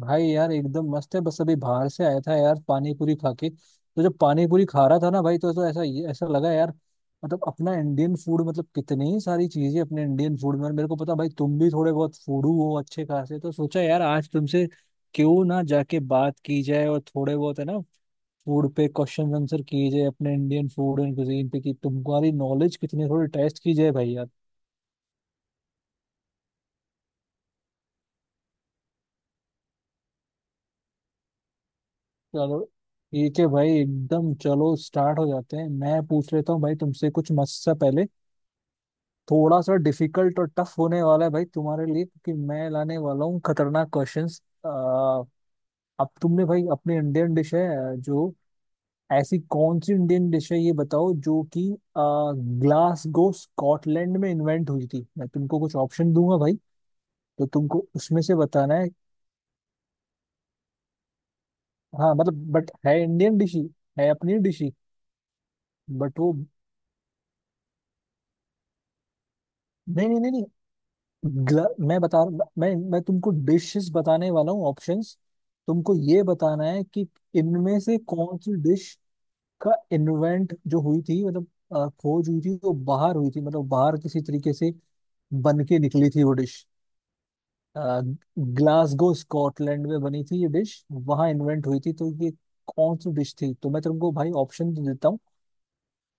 भाई यार एकदम मस्त है। बस अभी बाहर से आया था यार पानी पूरी खा के। तो जब पानी पूरी खा रहा था ना भाई तो ऐसा ऐसा लगा यार। मतलब अपना इंडियन फूड, मतलब कितनी ही सारी चीजें अपने इंडियन फूड में। और मेरे को पता भाई तुम भी थोड़े बहुत फूडू हो अच्छे खासे, तो सोचा यार आज तुमसे क्यों ना जाके बात की जाए। और थोड़े बहुत है ना फूड पे क्वेश्चन आंसर किए जाए अपने इंडियन फूड एंड कुजीन पे, कि तुम्हारी नॉलेज कितनी थोड़ी टेस्ट की जाए भाई यार। चलो ठीक है भाई एकदम, चलो स्टार्ट हो जाते हैं। मैं पूछ लेता हूँ भाई तुमसे कुछ मस्त सा। पहले थोड़ा सा डिफिकल्ट और टफ होने वाला है भाई तुम्हारे लिए, क्योंकि मैं लाने वाला हूँ खतरनाक क्वेश्चंस। अब तुमने भाई अपनी इंडियन डिश है जो, ऐसी कौन सी इंडियन डिश है ये बताओ जो कि ग्लासगो स्कॉटलैंड में इन्वेंट हुई थी। मैं तुमको कुछ ऑप्शन दूंगा भाई, तो तुमको उसमें से बताना है। हाँ मतलब बट है इंडियन डिश ही, है अपनी डिश ही। बट वो, नहीं नहीं नहीं नहीं, ग्ल- मैं बता मैं तुमको डिशेस बताने वाला हूँ ऑप्शंस। तुमको ये बताना है कि इनमें से कौन सी डिश का इन्वेंट जो हुई थी, मतलब खोज हुई थी वो बाहर हुई थी, मतलब बाहर किसी तरीके से बन के निकली थी वो डिश। ग्लासगो स्कॉटलैंड में बनी थी ये डिश, वहां इन्वेंट हुई थी, तो ये कौन सी डिश थी। तो मैं तुमको भाई ऑप्शन देता हूँ।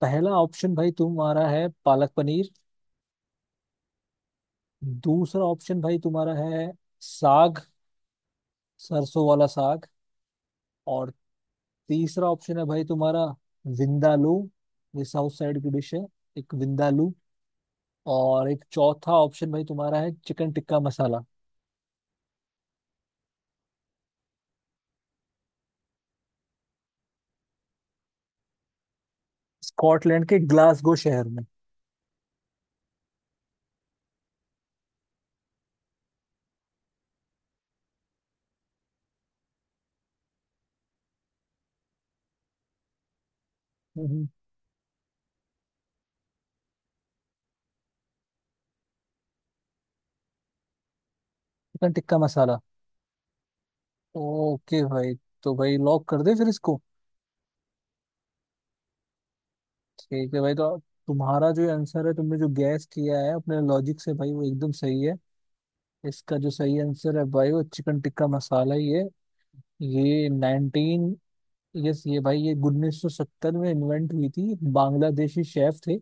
पहला ऑप्शन भाई तुम्हारा है पालक पनीर। दूसरा ऑप्शन भाई तुम्हारा है साग, सरसों वाला साग। और तीसरा ऑप्शन है भाई तुम्हारा विंदालू, ये साउथ साइड की डिश है, एक विंदालू। और एक चौथा ऑप्शन भाई तुम्हारा है चिकन टिक्का मसाला। स्कॉटलैंड के ग्लासगो शहर में। हम्म। हम्म। चिकन टिक्का मसाला। ओके भाई, तो भाई लॉक कर दे फिर इसको। ठीक है भाई, तो तुम्हारा जो आंसर है, तुमने जो गैस किया है अपने लॉजिक से भाई, वो एकदम सही है। इसका जो सही आंसर है भाई वो चिकन टिक्का मसाला ही है। ये 1980, यस, ये भाई ये 1970 में इन्वेंट हुई थी, बांग्लादेशी शेफ थे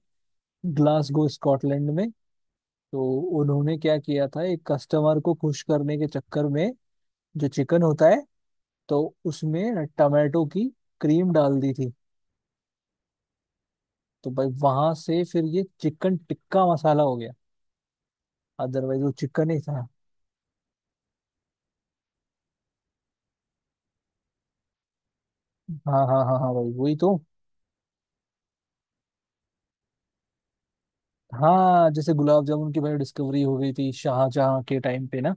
ग्लासगो स्कॉटलैंड में। तो उन्होंने क्या किया था एक कस्टमर को खुश करने के चक्कर में, जो चिकन होता है, तो उसमें टमाटो की क्रीम डाल दी थी। तो भाई वहां से फिर ये चिकन टिक्का मसाला हो गया, अदरवाइज वो चिकन ही था। हाँ हाँ हाँ हाँ भाई वही तो। हाँ जैसे गुलाब जामुन की भाई डिस्कवरी हो गई थी शाहजहाँ के टाइम पे ना।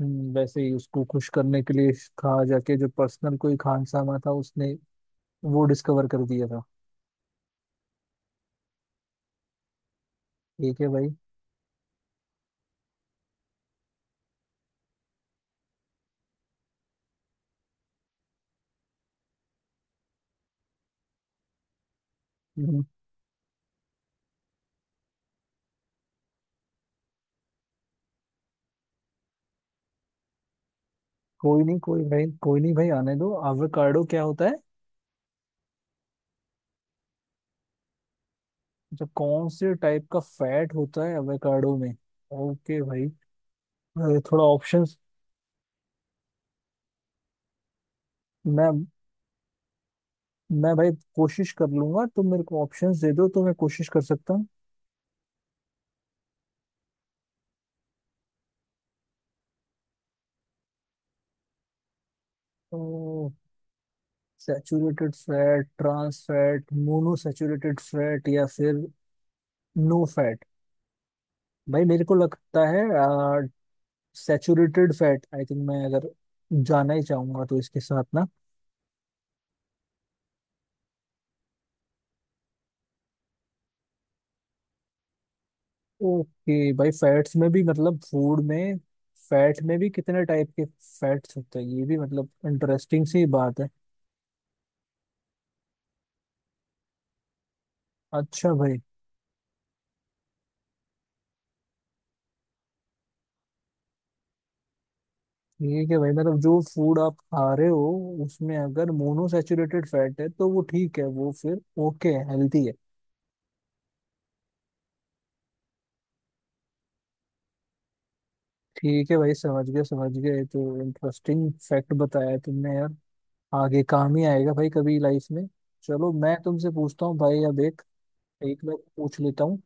वैसे ही उसको खुश करने के लिए कहा, जाके जो पर्सनल कोई खानसामा था उसने वो डिस्कवर कर दिया था। ठीक है भाई। हम्म। कोई नहीं कोई भाई कोई नहीं भाई, आने दो एवोकाडो क्या होता है, जो कौन से टाइप का फैट होता है एवोकाडो में। ओके भाई। अरे, थोड़ा ऑप्शंस मैं मैं भाई कोशिश कर लूंगा, तुम मेरे को ऑप्शंस दे दो तो मैं कोशिश कर सकता हूँ। तो saturated fat, trans fat, mono saturated fat या फिर नो। भाई मेरे को लगता है सैचुरेटेड फैट, आई थिंक, मैं अगर जाना ही चाहूंगा तो इसके साथ ना। ओके भाई, फैट्स में भी मतलब फूड में, फैट में भी कितने टाइप के फैट्स होते हैं ये भी मतलब इंटरेस्टिंग सी बात है। अच्छा भाई। ठीक है भाई, मतलब जो फूड आप खा रहे हो उसमें अगर मोनोसैचुरेटेड फैट है तो वो ठीक है, वो फिर ओके है, हेल्थी है। ठीक है भाई समझ गए समझ गए, तो इंटरेस्टिंग फैक्ट बताया तुमने यार, आगे काम ही आएगा भाई कभी लाइफ में। चलो मैं तुमसे पूछता हूँ भाई अब एक एक मैं पूछ लेता हूँ।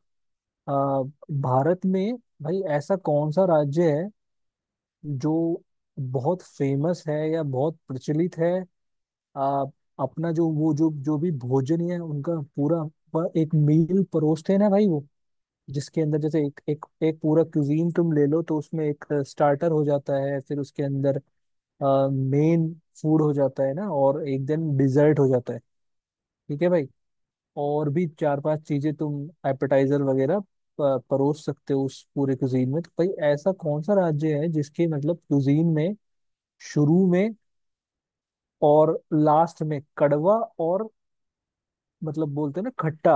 आ, भारत में भाई ऐसा कौन सा राज्य है जो बहुत फेमस है या बहुत प्रचलित है, आ, अपना जो वो जो जो भी भोजन है उनका पूरा एक मील परोसते हैं ना भाई, वो जिसके अंदर जैसे एक एक एक पूरा क्यूजीन तुम ले लो तो उसमें एक स्टार्टर हो जाता है, फिर उसके अंदर मेन फूड हो जाता है ना, और एक दिन डिजर्ट हो जाता है। ठीक है भाई, और भी चार पांच चीजें तुम एपेटाइजर वगैरह परोस सकते हो उस पूरे कुजीन में। तो भाई ऐसा कौन सा राज्य है जिसके मतलब कुजीन में शुरू में और लास्ट में कड़वा, और मतलब बोलते हैं ना खट्टा,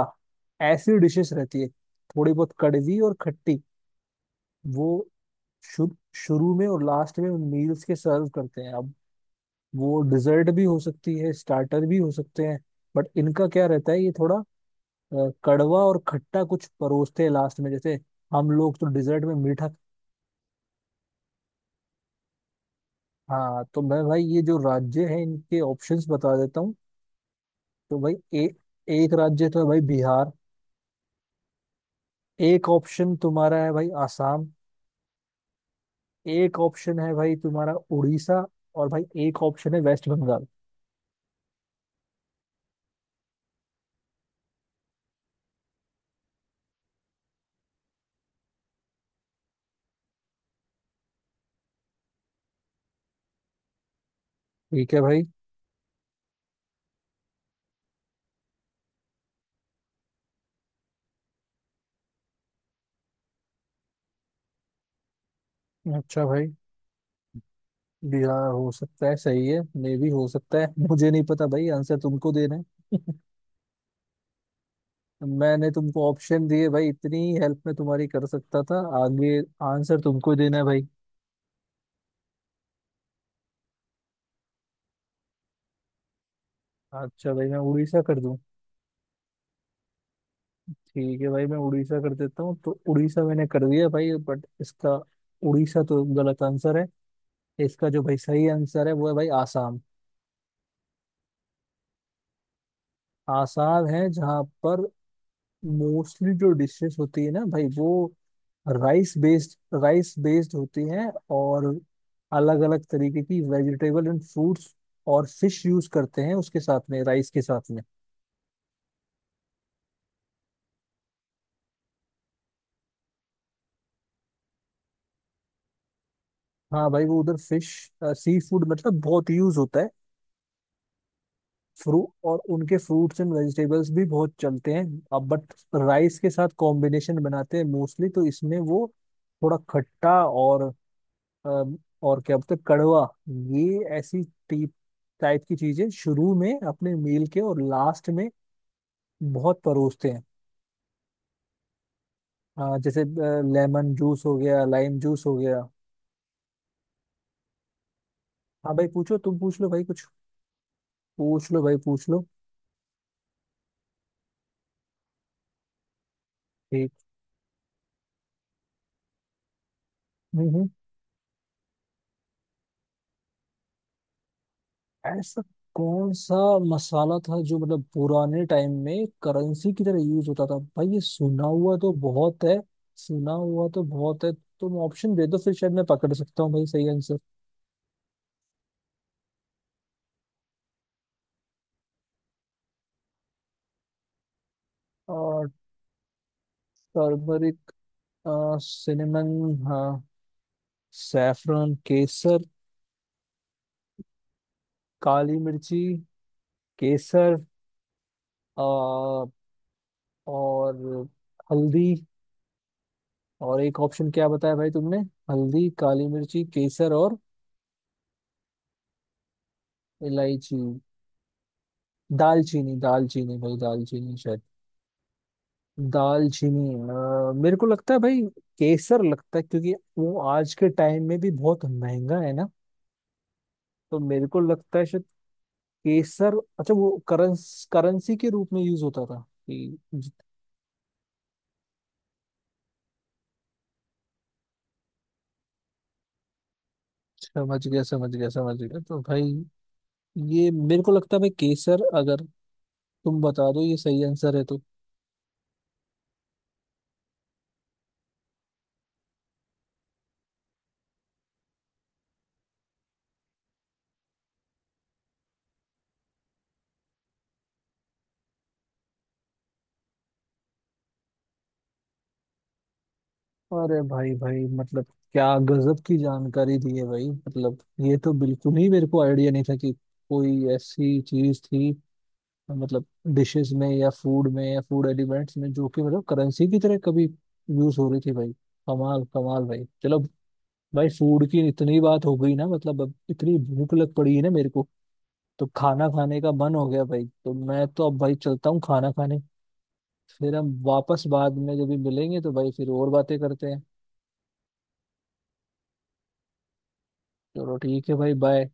ऐसी डिशेस रहती है, थोड़ी बहुत कड़वी और खट्टी। वो शुरू शुरू में और लास्ट में उन मील्स के सर्व करते हैं। अब वो डिजर्ट भी हो सकती है, स्टार्टर भी हो सकते हैं, बट इनका क्या रहता है, ये थोड़ा कड़वा और खट्टा कुछ परोसते हैं लास्ट में, जैसे हम लोग तो डिजर्ट में मीठा। हाँ, तो मैं भाई ये जो राज्य है इनके ऑप्शंस बता देता हूँ। तो भाई एक राज्य तो है भाई बिहार। एक ऑप्शन तुम्हारा है भाई आसाम। एक ऑप्शन है भाई तुम्हारा उड़ीसा। और भाई एक ऑप्शन है वेस्ट बंगाल। ठीक है भाई। अच्छा भाई, बिहार हो सकता है सही है, मे भी हो सकता है मुझे नहीं पता भाई, आंसर तुमको देना है। मैंने तुमको ऑप्शन दिए भाई, इतनी हेल्प में तुम्हारी कर सकता था। आगे आंसर तुमको देना है भाई। अच्छा भाई मैं उड़ीसा कर दूं। ठीक है भाई, मैं उड़ीसा कर देता हूँ, तो उड़ीसा मैंने कर दिया भाई, बट इसका, उड़ीसा तो गलत आंसर है। इसका जो भाई सही आंसर है वो है भाई आसाम। आसाम है जहाँ पर मोस्टली जो डिशेस होती है ना भाई वो राइस बेस्ड, राइस बेस्ड होती हैं, और अलग अलग तरीके की वेजिटेबल एंड फ्रूट्स और फिश यूज करते हैं उसके साथ में, राइस के साथ में। हाँ भाई वो उधर फिश, सी फूड मतलब बहुत यूज होता है। फ्रू और उनके फ्रूट्स एंड वेजिटेबल्स भी बहुत चलते हैं। अब बट राइस के साथ कॉम्बिनेशन बनाते हैं मोस्टली, तो इसमें वो थोड़ा खट्टा और अम, और क्या बोलते हैं, कड़वा, ये ऐसी टीप टाइप की चीजें शुरू में अपने मील के और लास्ट में बहुत परोसते हैं। जैसे लेमन जूस हो गया, लाइम जूस हो गया। हाँ भाई पूछो तुम, पूछ लो भाई कुछ, पूछ लो भाई पूछ लो। ठीक। हम्म। हम्म। ऐसा कौन सा मसाला था जो मतलब पुराने टाइम में करेंसी की तरह यूज होता था भाई, ये सुना हुआ तो बहुत है, सुना हुआ तो बहुत है। तुम ऑप्शन दे दो फिर शायद मैं पकड़ सकता हूँ भाई सही आंसर। और टर्मरिक, सिनेमन, हाँ, सैफरन केसर, काली मिर्ची, केसर, अ, और हल्दी। और एक ऑप्शन क्या बताया भाई तुमने, हल्दी काली मिर्ची केसर और इलायची, दालचीनी। दालचीनी भाई दालचीनी शायद, दालचीनी मेरे को लगता है भाई केसर लगता है, क्योंकि वो आज के टाइम में भी बहुत महंगा है ना। तो मेरे को लगता है शायद केसर। अच्छा, वो करंस करेंसी के रूप में यूज होता था कि, समझ गया समझ गया समझ गया, तो भाई, ये मेरे को लगता है भाई केसर, अगर तुम बता दो ये सही आंसर है तो। अरे भाई, भाई मतलब क्या गजब की जानकारी दी है भाई, मतलब ये तो बिल्कुल ही मेरे को आइडिया नहीं था कि कोई ऐसी चीज थी, मतलब डिशेस में या फूड एलिमेंट्स में जो कि मतलब करेंसी की तरह कभी यूज हो रही थी भाई। कमाल कमाल भाई, चलो। भाई फूड की इतनी बात हो गई ना, मतलब अब इतनी भूख लग पड़ी है ना मेरे को, तो खाना खाने का मन हो गया भाई। तो मैं तो अब भाई चलता हूँ खाना खाने, फिर हम वापस बाद में जब भी मिलेंगे तो भाई फिर और बातें करते हैं। चलो ठीक है भाई, बाय।